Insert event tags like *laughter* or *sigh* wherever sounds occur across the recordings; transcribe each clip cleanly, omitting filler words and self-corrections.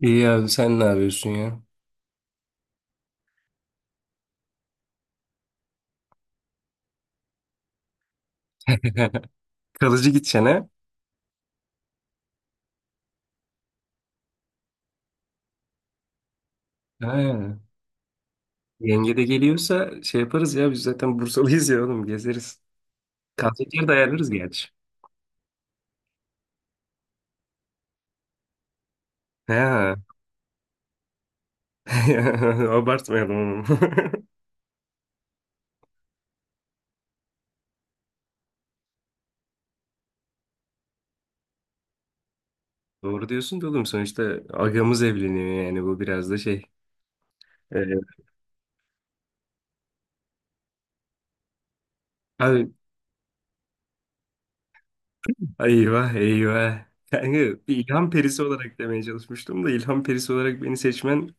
İyi abi, sen ne yapıyorsun ya? Kalıcı gideceğine. Ha. Ha. Yenge de geliyorsa şey yaparız ya, biz zaten Bursalıyız ya oğlum, gezeriz. Kalacak yer de ayarlarız gerçi. Ha. *laughs* Abartmayalım onu. *laughs* Doğru diyorsun da oğlum, sonuçta agamız evleniyor yani, bu biraz da şey. Ee, abi eyvah eyvah. Yani bir ilham perisi olarak demeye çalışmıştım da, ilham perisi olarak beni seçmen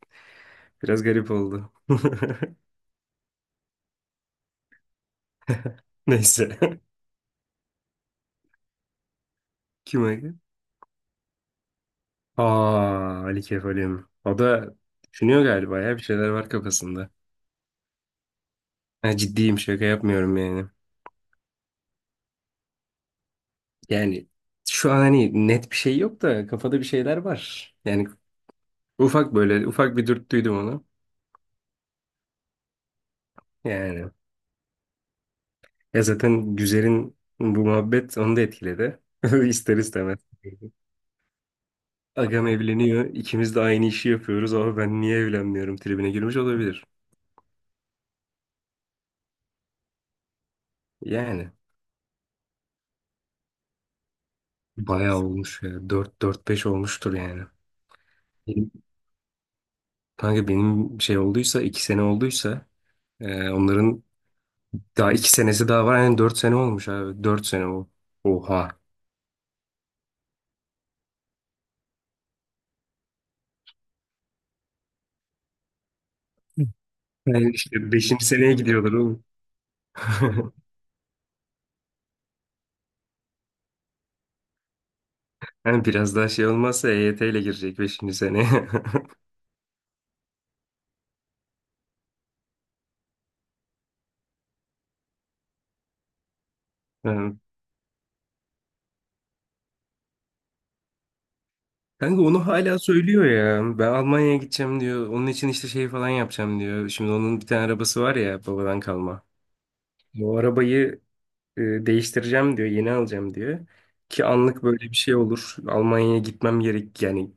biraz garip oldu. *laughs* Neyse. *laughs* Kim? Kime? Aa, Ali Kefalim. O da düşünüyor galiba ya, bir şeyler var kafasında. Ha, ciddiyim, şaka yapmıyorum yani. Yani şu an hani net bir şey yok da, kafada bir şeyler var. Yani ufak, böyle ufak bir dürttüydüm onu. Yani ya zaten Güzel'in bu muhabbet onu da etkiledi. *laughs* İster istemez. Agam evleniyor, ikimiz de aynı işi yapıyoruz ama ben niye evlenmiyorum tribine girmiş olabilir. Yani bayağı olmuş ya. Dört, dört beş olmuştur yani. Kanka benim şey olduysa, iki sene olduysa, onların daha iki senesi daha var. Yani dört sene olmuş abi. Dört sene o. Oha. Yani işte beşinci seneye gidiyorlar oğlum. *laughs* Yani biraz daha şey olmazsa EYT ile girecek beşinci seneye. *laughs* Yani kanka onu hala söylüyor ya. Ben Almanya'ya gideceğim diyor. Onun için işte şey falan yapacağım diyor. Şimdi onun bir tane arabası var ya, babadan kalma. Bu arabayı E, değiştireceğim diyor, yeni alacağım diyor. Ki anlık böyle bir şey olur, Almanya'ya gitmem gerek yani,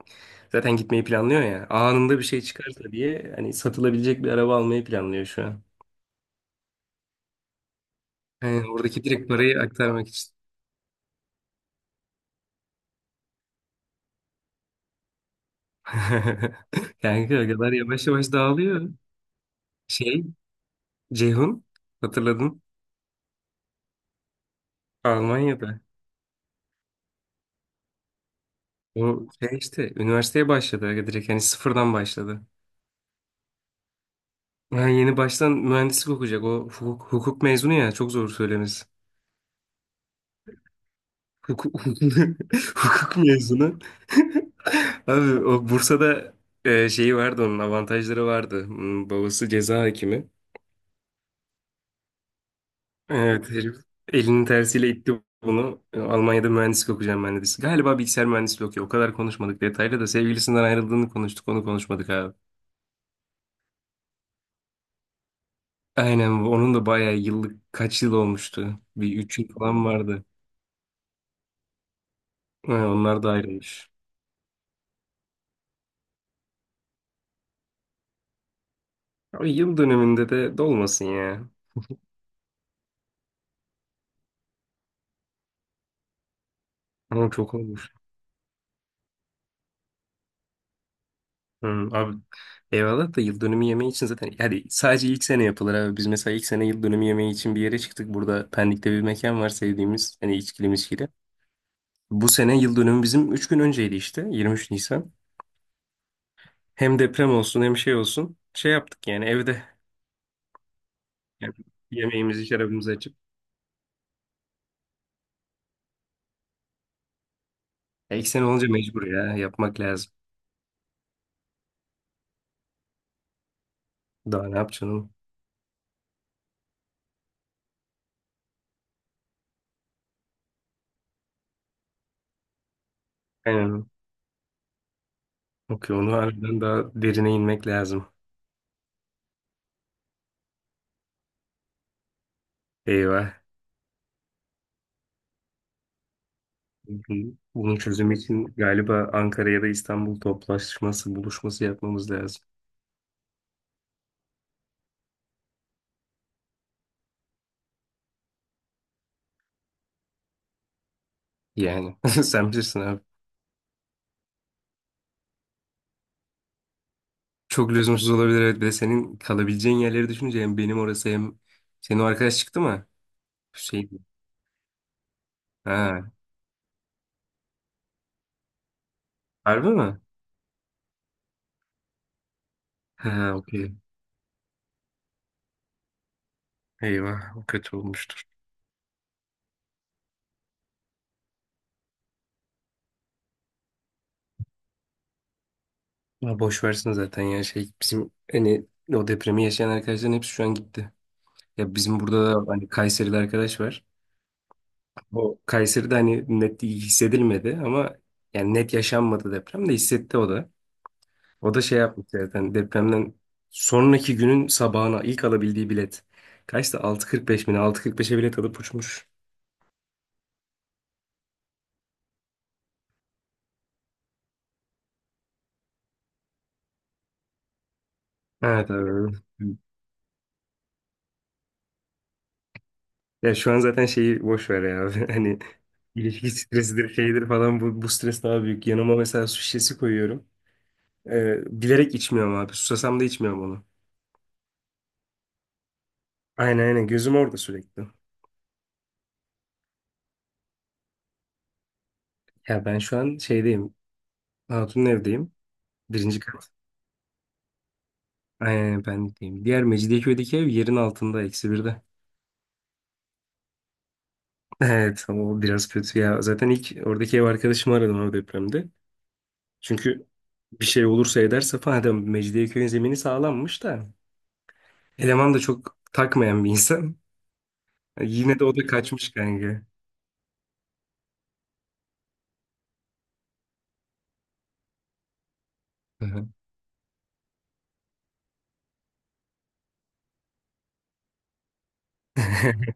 zaten gitmeyi planlıyor ya. Anında bir şey çıkarsa diye hani satılabilecek bir araba almayı planlıyor şu an. Yani oradaki direkt parayı aktarmak için. *laughs* Kanka o kadar yavaş yavaş dağılıyor. Şey, Ceyhun, hatırladın, Almanya'da. O şey işte üniversiteye başladı. Aga, direkt hani sıfırdan başladı. Yani yeni baştan mühendislik okuyacak. O hukuk mezunu ya, çok zor söylemesi. Hukuk, *laughs* hukuk mezunu. *laughs* Abi, o Bursa'da şeyi vardı, onun avantajları vardı. Babası ceza hakimi. Evet, herif elinin tersiyle itti bunu. Almanya'da mühendislik okuyacağım ben dedi. Galiba bilgisayar mühendisliği okuyor. O kadar konuşmadık detaylı da, sevgilisinden ayrıldığını konuştuk, onu konuşmadık abi. Aynen bu. Onun da bayağı yıllık, kaç yıl olmuştu. Bir üç yıl falan vardı. Ha, onlar da ayrılmış. Abi, yıl döneminde de dolmasın ya. Ama çok olmuş. Abi eyvallah da, yıl dönümü yemeği için zaten hadi sadece ilk sene yapılır abi. Biz mesela ilk sene yıl dönümü yemeği için bir yere çıktık. Burada Pendik'te bir mekan var sevdiğimiz, hani içkili miskili. Bu sene yıl dönümü bizim 3 gün önceydi, işte 23 Nisan. Hem deprem olsun hem şey olsun şey yaptık yani evde, yani yemeğimizi şarabımızı açıp. Ya ilk sene olunca mecbur ya yapmak lazım. Daha ne yapacaksın oğlum? Aynen. Okey, onu harbiden daha derine inmek lazım. Eyvah. Bunun çözümü için galiba Ankara ya da İstanbul toplaşması, buluşması yapmamız lazım. Yani, *laughs* sen bilirsin abi. Çok lüzumsuz olabilir, evet. Bir de senin kalabileceğin yerleri düşününce, hem benim orası hem... Senin o arkadaş çıktı mı? Hüseyin. Ha, harbi mi? Ha, okey. Eyvah, o kötü olmuştur. Ya boş versin zaten ya, şey bizim hani o depremi yaşayan arkadaşların hepsi şu an gitti. Ya bizim burada da hani Kayserili arkadaş var. Bu Kayseri'de hani net hissedilmedi ama, yani net yaşanmadı deprem de, hissetti o da. O da şey yapmış zaten, depremden sonraki günün sabahına ilk alabildiği bilet. Kaçtı? 6.45 mi? Ne? 6.45'e bilet alıp uçmuş. Evet abi. Ya şu an zaten şeyi boş ver ya abi. *laughs* Hani ilişki stresidir şeydir falan, bu stres daha büyük. Yanıma mesela su şişesi koyuyorum. Bilerek içmiyorum abi. Susasam da içmiyorum onu. Aynen, aynen, gözüm orada sürekli. Ya ben şu an şeydeyim. Hatun'un evdeyim. Birinci kat. Aynen, ben de diyeyim. Diğer Mecidiyeköy'deki ev yerin altında, eksi birde. *laughs* Evet, o biraz kötü ya. Zaten ilk oradaki ev arkadaşımı aradım o depremde. Çünkü bir şey olursa ederse falan, adam Mecidiyeköy'ün zemini sağlammış da. Eleman da çok takmayan bir insan. *laughs* Yine de o da kaçmış kanka. Hı hı. *laughs*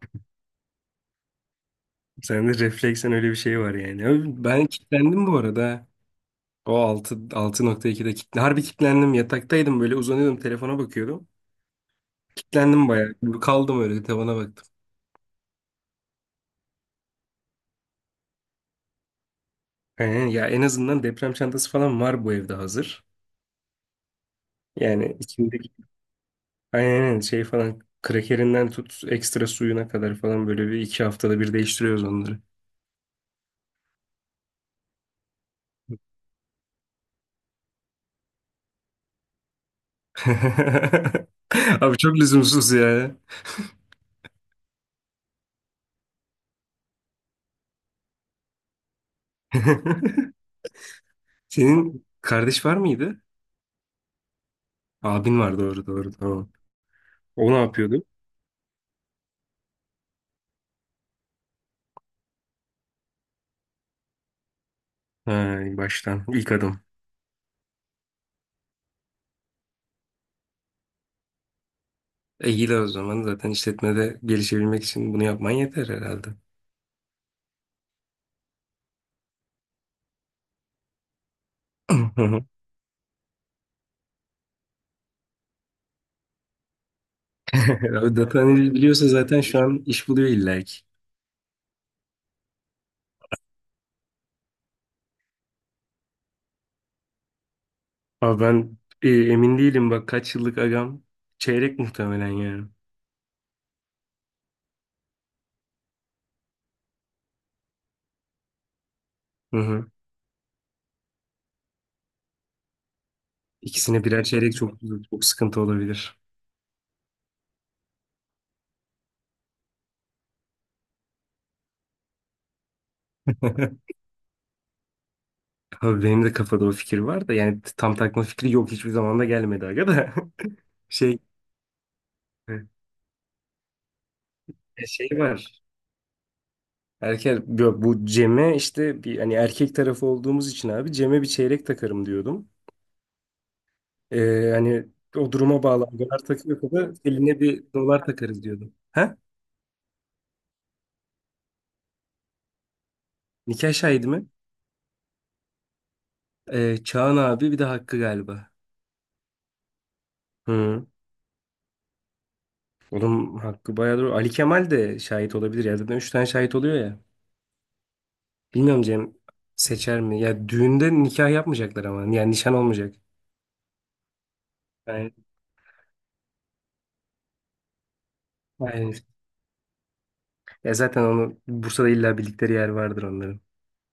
Sende refleksen öyle bir şey var yani. Abi, ben kilitlendim bu arada. O 6, 6.2'de kilitlendim. Harbi kilitlendim. Yataktaydım, böyle uzanıyordum, telefona bakıyordum. Kilitlendim bayağı. Kaldım öyle, tavana baktım. Aynen ya, en azından deprem çantası falan var bu evde hazır. Yani içindeki, aynen şey falan, krakerinden tut ekstra suyuna kadar falan, böyle bir iki haftada bir değiştiriyoruz onları. *laughs* Abi çok lüzumsuz ya. *laughs* Senin kardeş var mıydı? Abin var, doğru doğru, tamam. O ne yapıyordu? Ha, baştan ilk adım. E, iyi de o zaman zaten işletmede gelişebilmek için bunu yapman yeter herhalde. *laughs* Abi, data analiz biliyorsa zaten şu an iş buluyor illa ki. Abi ben emin değilim, bak kaç yıllık agam, çeyrek muhtemelen yani. Hı hı. İkisine birer çeyrek çok çok sıkıntı olabilir. *laughs* Abi benim de kafada o fikir var da yani tam takma fikri yok, hiçbir zaman da gelmedi aga da. *laughs* Şey şey var. Erkek bu Cem'e, işte bir, hani erkek tarafı olduğumuz için abi, Cem'e bir çeyrek takarım diyordum. Hani o duruma bağlı, agalar takıyorsa da eline bir dolar takarız diyordum. Ha? Nikah şahidi mi? Çağan abi, bir de Hakkı galiba. Hı. Onun hakkı bayağı doğru. Ali Kemal de şahit olabilir ya. Zaten üç tane şahit oluyor ya. Bilmiyorum, Cem seçer mi? Ya düğünde nikah yapmayacaklar ama. Yani nişan olmayacak. Yani, yani- Ya zaten onu Bursa'da illa bildikleri yer vardır onların.